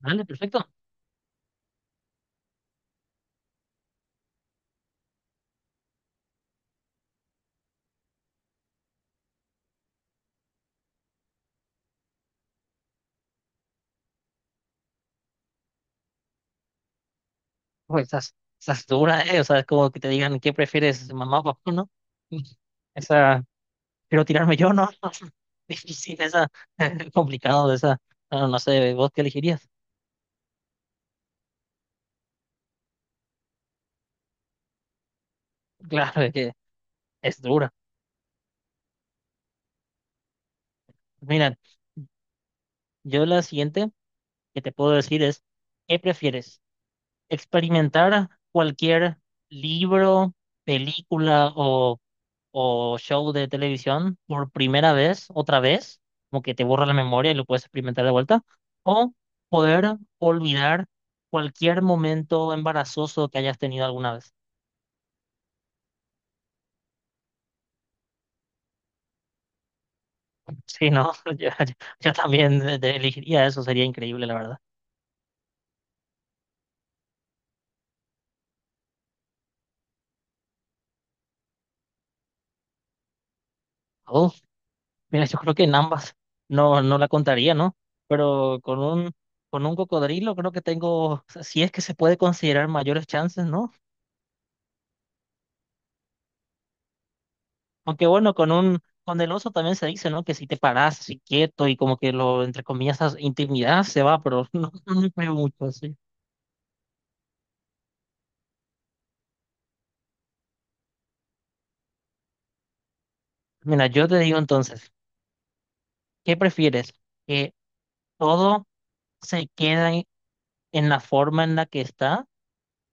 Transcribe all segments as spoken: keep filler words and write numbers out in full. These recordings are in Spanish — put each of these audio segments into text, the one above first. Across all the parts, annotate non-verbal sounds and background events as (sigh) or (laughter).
Vale, perfecto. Pues estás, estás dura, ¿eh? O sea, es como que te digan, ¿qué prefieres, mamá o papá, no? (laughs) Esa, quiero tirarme yo, ¿no? (laughs) Difícil esa, (laughs) complicado esa. No, no sé, ¿vos qué elegirías? (laughs) Claro, es que es dura. Mira, yo la siguiente que te puedo decir es, ¿qué prefieres? ¿Experimentar cualquier libro, película o o show de televisión por primera vez, otra vez, como que te borra la memoria y lo puedes experimentar de vuelta, o poder olvidar cualquier momento embarazoso que hayas tenido alguna vez? Sí, no, (laughs) yo, yo- yo también de- de- elegiría eso, sería increíble, la verdad. Oh, mira, yo creo que en ambas no, no la contaría, ¿no? Pero con un, con un cocodrilo creo que tengo, si es que se puede considerar, mayores chances, ¿no? Aunque bueno, con un, con el oso también se dice, ¿no? Que si te paras así quieto y como que lo, entre comillas, as- intimidad se va, pero (laughs) no, no me creo mucho así. Mira, yo te digo entonces, ¿qué prefieres? ¿Que todo se quede en la forma en la que está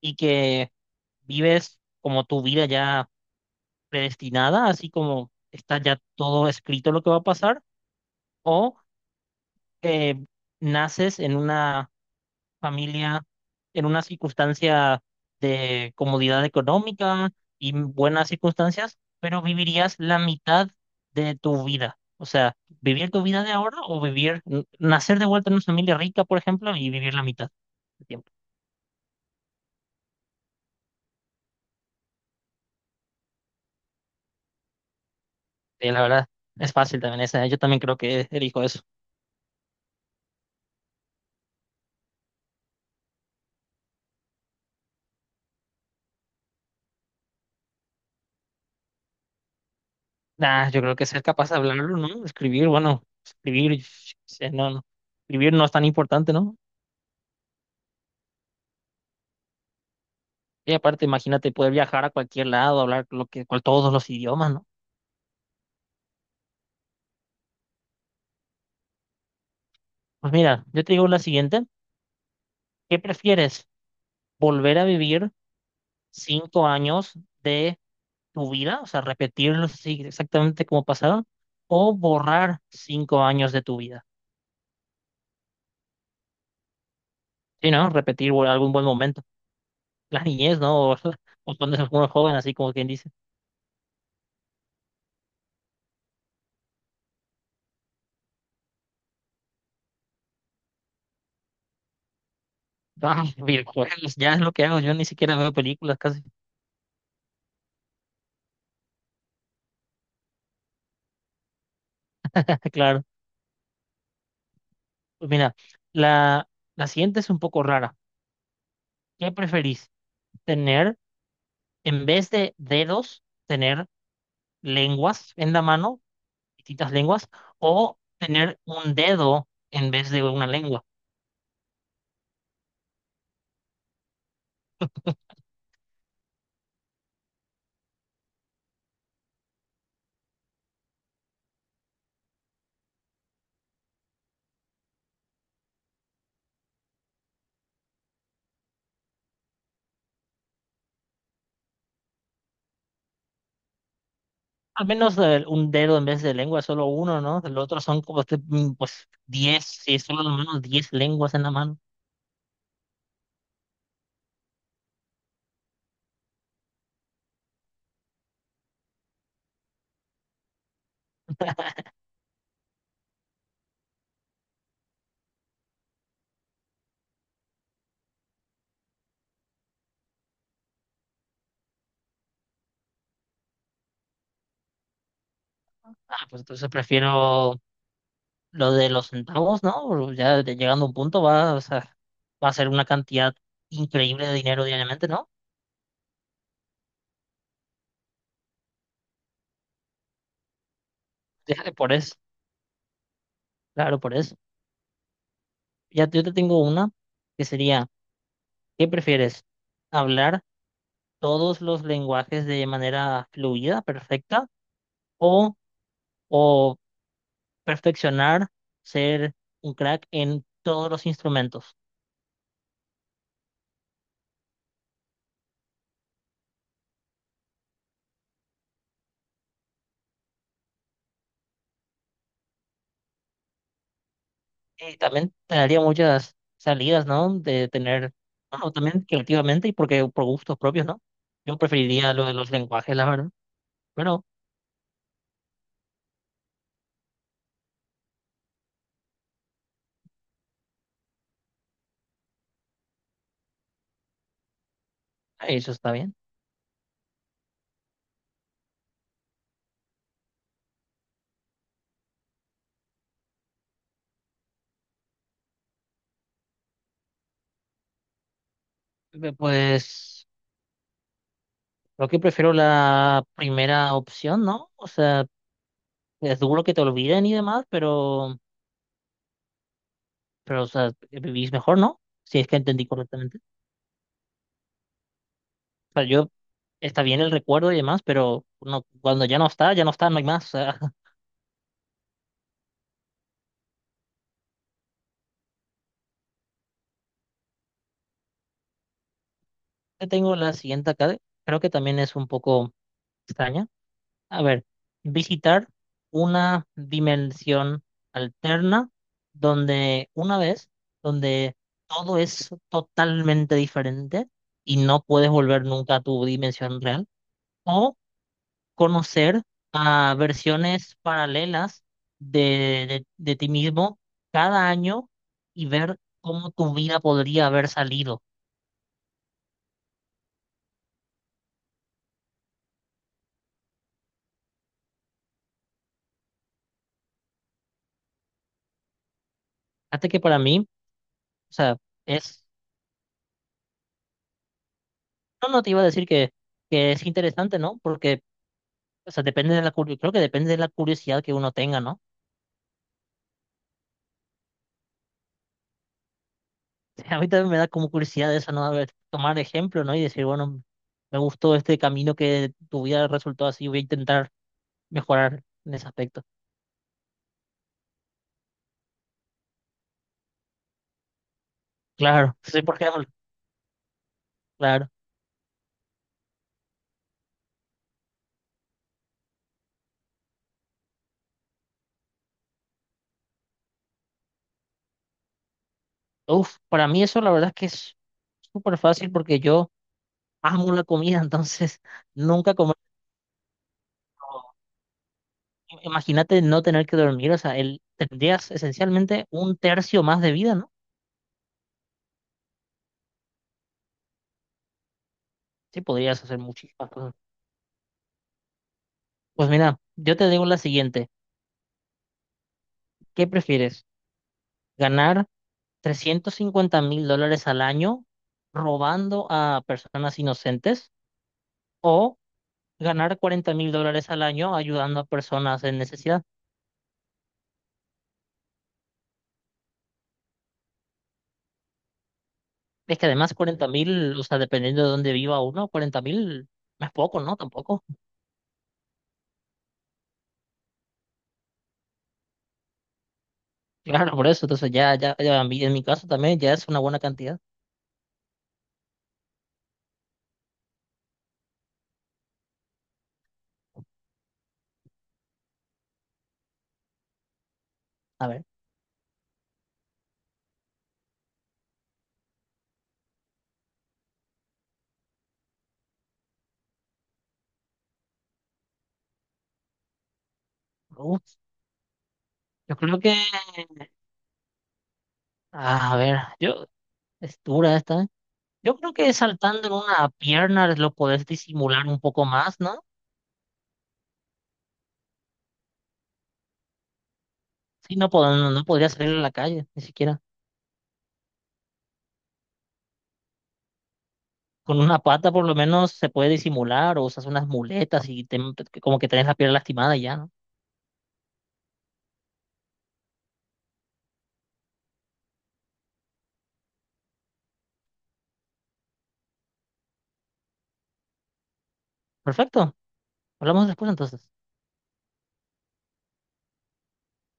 y que vives como tu vida ya predestinada, así como está ya todo escrito lo que va a pasar? ¿O que naces en una familia, en una circunstancia de comodidad económica y buenas circunstancias, pero vivirías la mitad de tu vida? O sea, vivir tu vida de ahora o vivir, n- nacer de vuelta en una familia rica, por ejemplo, y vivir la mitad del tiempo. Eh, la verdad, es fácil también esa, ¿eh? Yo también creo que elijo eso. Nah, yo creo que ser capaz de hablarlo, ¿no? Escribir, bueno, escribir, yo qué sé, no, no. Escribir no es tan importante, ¿no? Y aparte, imagínate poder viajar a cualquier lado, hablar lo que, cual, todos los idiomas, ¿no? Pues mira, yo te digo la siguiente. ¿Qué prefieres? ¿Volver a vivir cinco años de tu vida? O sea, repetirlos así exactamente como pasaron. ¿O borrar cinco años de tu vida? Sí, ¿no? Repetir bu- algún buen momento. (laughs) La niñez, ¿no? (laughs) O, o cuando eres muy joven, así como quien dice. Ah, (laughs) videojuegos, ya es lo que hago. Yo ni siquiera veo películas casi. (laughs) Claro. Pues mira, la, la siguiente es un poco rara. ¿Qué preferís? ¿Tener, en vez de dedos, tener lenguas en la mano? Distintas lenguas, o tener un dedo en vez de una lengua. Al menos eh, un dedo en vez de lengua, solo uno, ¿no? El otro son como este, mm, pues diez, si es solo la mano, diez lenguas en la mano. Ah, pues entonces prefiero lo de los centavos, ¿no? Ya de- llegando a un punto va, o sea, va a ser una cantidad increíble de dinero diariamente, ¿no? Ya, por eso, claro, por eso. Ya yo te tengo una que sería, ¿qué prefieres? ¿Hablar todos los lenguajes de manera fluida, perfecta? ¿O, o perfeccionar, ser un crack en todos los instrumentos? Y también te daría muchas salidas, ¿no? De tener, bueno, también creativamente y porque por gustos propios, ¿no? Yo preferiría lo de los lenguajes, la verdad, pero eso está bien. Ve, Pues creo que prefiero la primera opción, ¿no? O sea, es duro que te olviden y demás, pero, pero, o sea, vivís mejor, ¿no? Si es que entendí correctamente. Sea, yo, está bien el recuerdo y demás, pero no, cuando ya no está, ya no está, no hay más. O sea, (laughs) yo tengo la siguiente acá, de- creo que también es un poco extraña. A ver, visitar una dimensión alterna donde una vez, donde todo es totalmente diferente y no puedes volver nunca a tu dimensión real. Conocer a versiones paralelas de, de, de ti mismo cada año y ver cómo tu vida podría haber salido. Hasta que, para mí, o sea, es, no, no te iba a decir que, que es interesante, ¿no? Porque, o sea, depende de la curiosidad, creo que depende de la curiosidad que uno tenga, ¿no? (laughs) A mí también me da como curiosidad eso, ¿no? A ver, tomar ejemplo, ¿no? Y decir, bueno, me gustó este camino que tu vida resultó así, voy a intentar mejorar en ese aspecto. Claro, sí, por ejemplo, claro. Uf, para mí eso la verdad es que es súper fácil porque yo amo la comida, entonces (laughs) nunca comer. Imagínate no tener que dormir, o sea, el, tendrías esencialmente un tercio más de vida, ¿no? Sí, podrías hacer muchísimas cosas. Pues mira, yo te digo la siguiente, ¿qué prefieres? ¿Ganar trescientos cincuenta mil dólares al año robando a personas inocentes, o ganar cuarenta mil dólares al año ayudando a personas en necesidad? Es que además, cuarenta mil, o sea, dependiendo de dónde viva uno, cuarenta mil no es poco, ¿no? Tampoco. Claro, por eso. Entonces ya, ya, ya a mí- en mi caso también ya es una buena cantidad. A ver, uf, yo creo que, a ver, yo, es dura esta, ¿eh? Yo creo que saltando en una pierna lo podés disimular un poco más, ¿no? Sí, no, pod- no, no podría salir a la calle, ni siquiera. Con una pata por lo menos se puede disimular, o usas unas muletas y te- como que tenés la pierna lastimada y ya, ¿no? Perfecto. Hablamos después entonces.